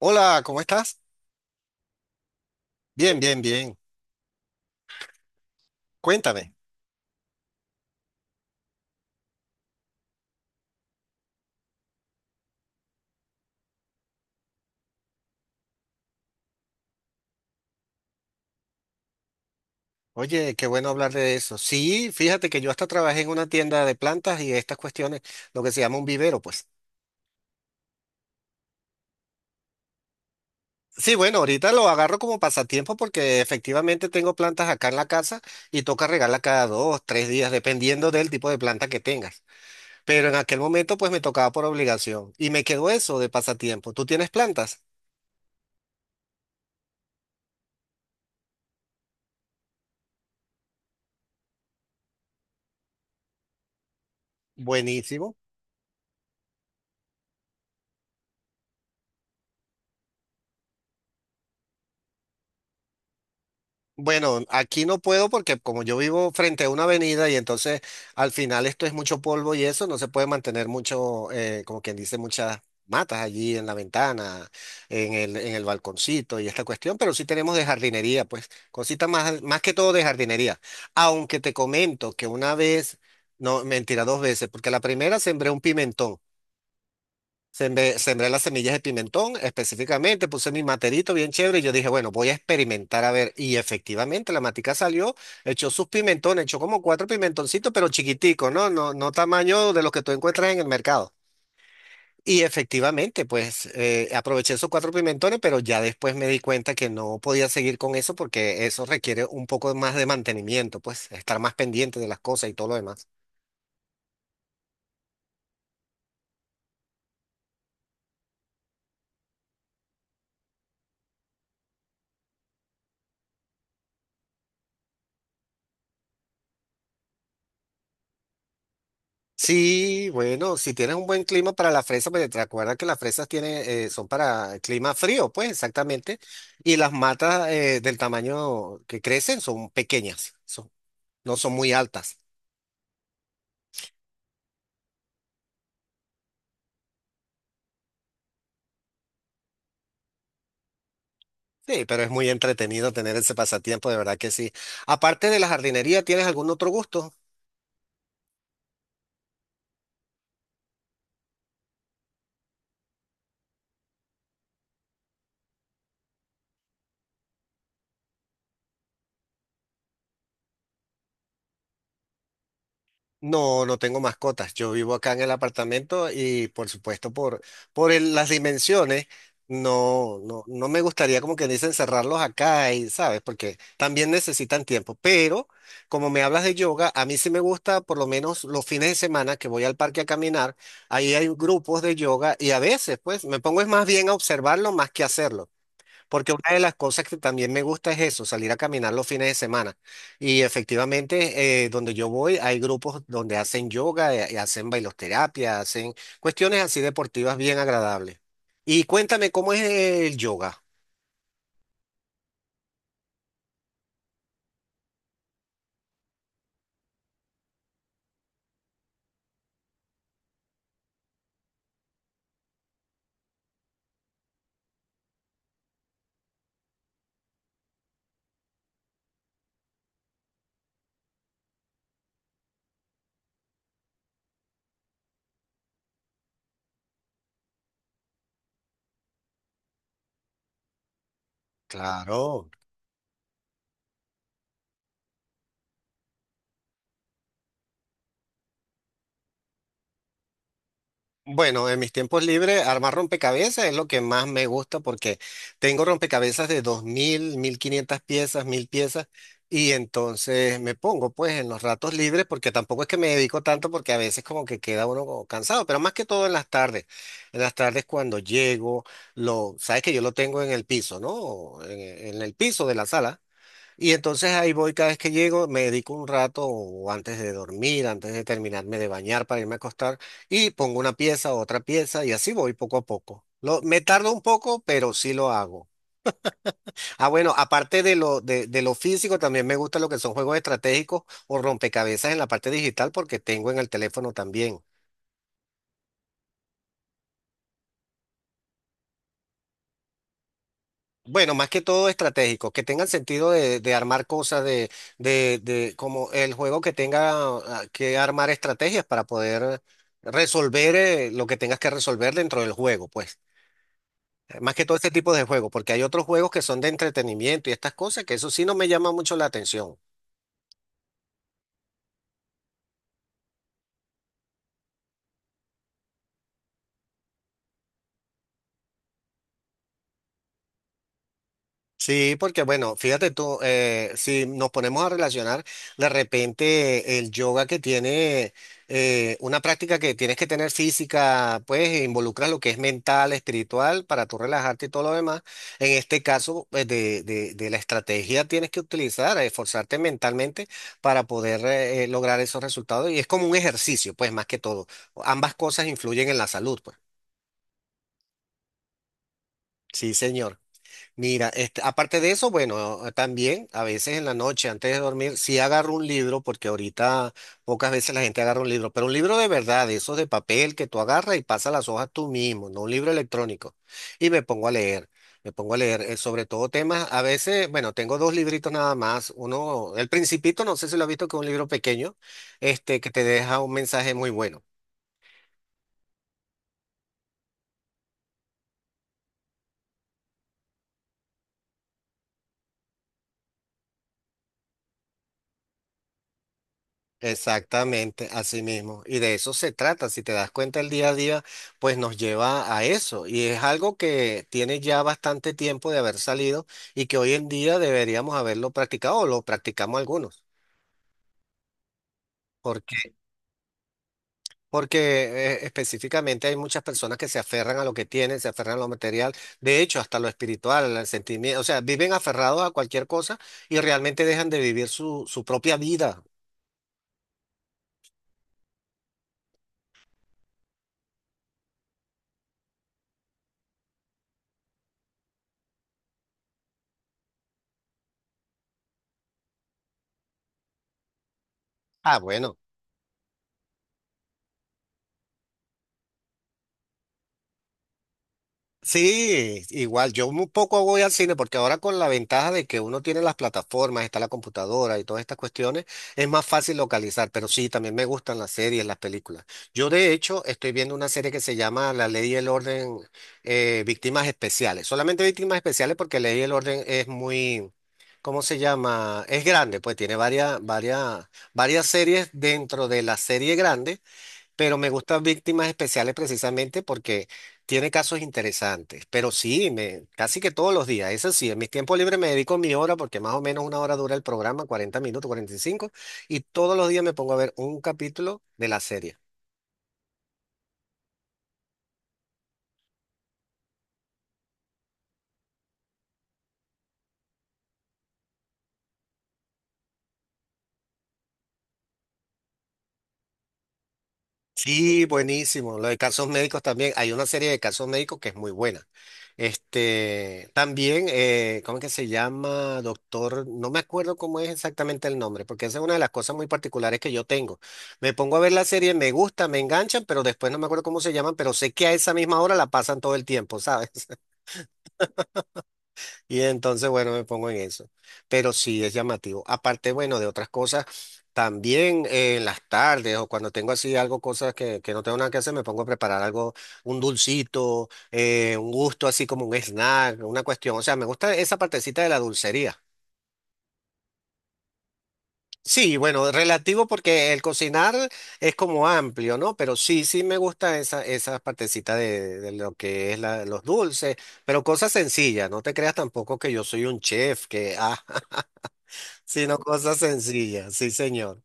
Hola, ¿cómo estás? Bien, bien, bien. Cuéntame. Oye, qué bueno hablar de eso. Sí, fíjate que yo hasta trabajé en una tienda de plantas y estas cuestiones, lo que se llama un vivero, pues. Sí, bueno, ahorita lo agarro como pasatiempo porque efectivamente tengo plantas acá en la casa y toca regarla cada dos, tres días, dependiendo del tipo de planta que tengas. Pero en aquel momento pues me tocaba por obligación y me quedó eso de pasatiempo. ¿Tú tienes plantas? Buenísimo. Bueno, aquí no puedo porque como yo vivo frente a una avenida y entonces al final esto es mucho polvo y eso no se puede mantener mucho, como quien dice, muchas matas allí en la ventana, en el balconcito y esta cuestión, pero sí tenemos de jardinería, pues cositas más que todo de jardinería. Aunque te comento que una vez, no, mentira, dos veces, porque la primera sembré un pimentón. Sembré las semillas de pimentón específicamente, puse mi materito bien chévere y yo dije, bueno, voy a experimentar a ver. Y efectivamente la matica salió, echó sus pimentones, echó como cuatro pimentoncitos, pero chiquiticos, ¿no? No, no tamaño de los que tú encuentras en el mercado. Y efectivamente, pues aproveché esos cuatro pimentones, pero ya después me di cuenta que no podía seguir con eso porque eso requiere un poco más de mantenimiento, pues estar más pendiente de las cosas y todo lo demás. Sí, bueno, si tienes un buen clima para la fresa, porque te acuerdas que las fresas tienen, son para clima frío, pues exactamente. Y las matas del tamaño que crecen son pequeñas, son- no son muy altas. Sí, pero es muy entretenido tener ese pasatiempo, de verdad que sí. Aparte de la jardinería, ¿tienes algún otro gusto? No, no tengo mascotas. Yo vivo acá en el apartamento y por supuesto por las dimensiones, no, no, no me gustaría como que dicen cerrarlos acá y, ¿sabes? Porque también necesitan tiempo. Pero como me hablas de yoga, a mí sí me gusta por lo menos los fines de semana que voy al parque a caminar, ahí hay grupos de yoga y a veces pues me pongo es más bien a observarlo más que hacerlo. Porque una de las cosas que también me gusta es eso, salir a caminar los fines de semana. Y efectivamente, donde yo voy, hay grupos donde hacen yoga, y hacen bailoterapia, hacen cuestiones así deportivas bien agradables. Y cuéntame, ¿cómo es el yoga? Claro. Bueno, en mis tiempos libres, armar rompecabezas es lo que más me gusta porque tengo rompecabezas de 2.000, 1.500 piezas, 1.000 piezas y entonces me pongo pues en los ratos libres porque tampoco es que me dedico tanto porque a veces como que queda uno como cansado, pero más que todo en las tardes. En las tardes cuando llego, sabes que yo lo tengo en el piso, ¿no? en el piso de la sala. Y entonces ahí voy cada vez que llego, me dedico un rato o antes de dormir, antes de terminarme de bañar para irme a acostar y pongo una pieza, otra pieza y así voy poco a poco. Me tardo un poco, pero sí lo hago. Ah, bueno, aparte de lo físico, también me gusta lo que son juegos estratégicos o rompecabezas en la parte digital porque tengo en el teléfono también. Bueno, más que todo estratégico, que tengan sentido de armar cosas, de como el juego que tenga que armar estrategias para poder resolver lo que tengas que resolver dentro del juego, pues. Más que todo este tipo de juegos, porque hay otros juegos que son de entretenimiento y estas cosas que eso sí no me llama mucho la atención. Sí, porque bueno, fíjate tú, si nos ponemos a relacionar, de repente el yoga que tiene una práctica que tienes que tener física, pues involucra lo que es mental, espiritual, para tú relajarte y todo lo demás. En este caso, pues, de la estrategia tienes que utilizar, esforzarte mentalmente para poder lograr esos resultados. Y es como un ejercicio, pues más que todo. Ambas cosas influyen en la salud, pues. Sí, señor. Mira, este, aparte de eso, bueno, ah, también a veces en la noche, antes de dormir, sí agarro un libro, porque ahorita pocas veces la gente agarra un libro, pero un libro de verdad, de esos de papel que tú agarras y pasas las hojas tú mismo, no un libro electrónico. Y me pongo a leer, me pongo a leer sobre todo temas, a veces, bueno, tengo dos libritos nada más, uno, El Principito, no sé si lo has visto, que es un libro pequeño, este, que te deja un mensaje muy bueno. Exactamente, así mismo. Y de eso se trata. Si te das cuenta, el día a día, pues nos lleva a eso. Y es algo que tiene ya bastante tiempo de haber salido y que hoy en día deberíamos haberlo practicado o lo practicamos algunos. porque Porque específicamente hay muchas personas que se aferran a lo que tienen, se aferran a lo material, de hecho, hasta lo espiritual, al sentimiento, o sea, viven aferrados a cualquier cosa y realmente dejan de vivir su, propia vida. Ah, bueno. Sí, igual, yo un poco voy al cine porque ahora con la ventaja de que uno tiene las plataformas, está la computadora y todas estas cuestiones, es más fácil localizar, pero sí, también me gustan las series, las películas. Yo de hecho estoy viendo una serie que se llama La Ley y el Orden, Víctimas Especiales. Solamente Víctimas Especiales porque Ley y el Orden es muy, ¿cómo se llama? Es grande, pues tiene varias, varias, varias series dentro de la serie grande, pero me gustan Víctimas Especiales precisamente porque tiene casos interesantes. Pero sí, casi que todos los días, eso sí, en mis tiempos libres me dedico mi hora porque más o menos una hora dura el programa, 40 minutos, 45, y todos los días me pongo a ver un capítulo de la serie. Sí, buenísimo. Lo de casos médicos también. Hay una serie de casos médicos que es muy buena. Este, también, ¿cómo es que se llama, doctor? No me acuerdo cómo es exactamente el nombre, porque esa es una de las cosas muy particulares que yo tengo. Me pongo a ver la serie, me gusta, me enganchan, pero después no me acuerdo cómo se llaman, pero sé que a esa misma hora la pasan todo el tiempo, ¿sabes? Y entonces, bueno, me pongo en eso. Pero sí es llamativo. Aparte, bueno, de otras cosas, también en las tardes o cuando tengo así algo, cosas que no tengo nada que hacer, me pongo a preparar algo, un dulcito, un gusto así como un snack, una cuestión. O sea, me gusta esa partecita de la dulcería. Sí, bueno, relativo porque el cocinar es como amplio, ¿no? Pero sí, sí me gusta esa, partecita de lo que es los dulces, pero cosas sencillas. No te creas tampoco que yo soy un chef, que, ah. Sino cosas sencillas, sí, señor.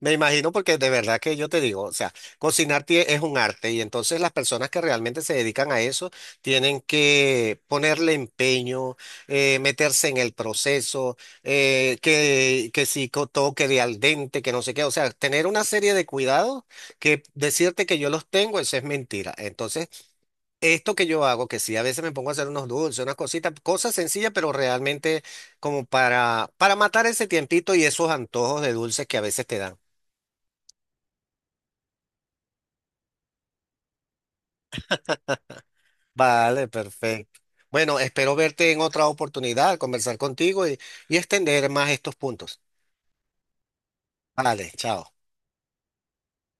Me imagino porque de verdad que yo te digo, o sea, cocinar es un arte y entonces las personas que realmente se dedican a eso tienen que ponerle empeño, meterse en el proceso, que si toque de al dente, que no sé qué, o sea, tener una serie de cuidados que decirte que yo los tengo, eso es mentira. Entonces, esto que yo hago, que sí, a veces me pongo a hacer unos dulces, unas cositas, cosas sencillas, pero realmente como para, matar ese tiempito y esos antojos de dulces que a veces te dan. Vale, perfecto. Bueno, espero verte en otra oportunidad, conversar contigo y extender más estos puntos. Vale, chao.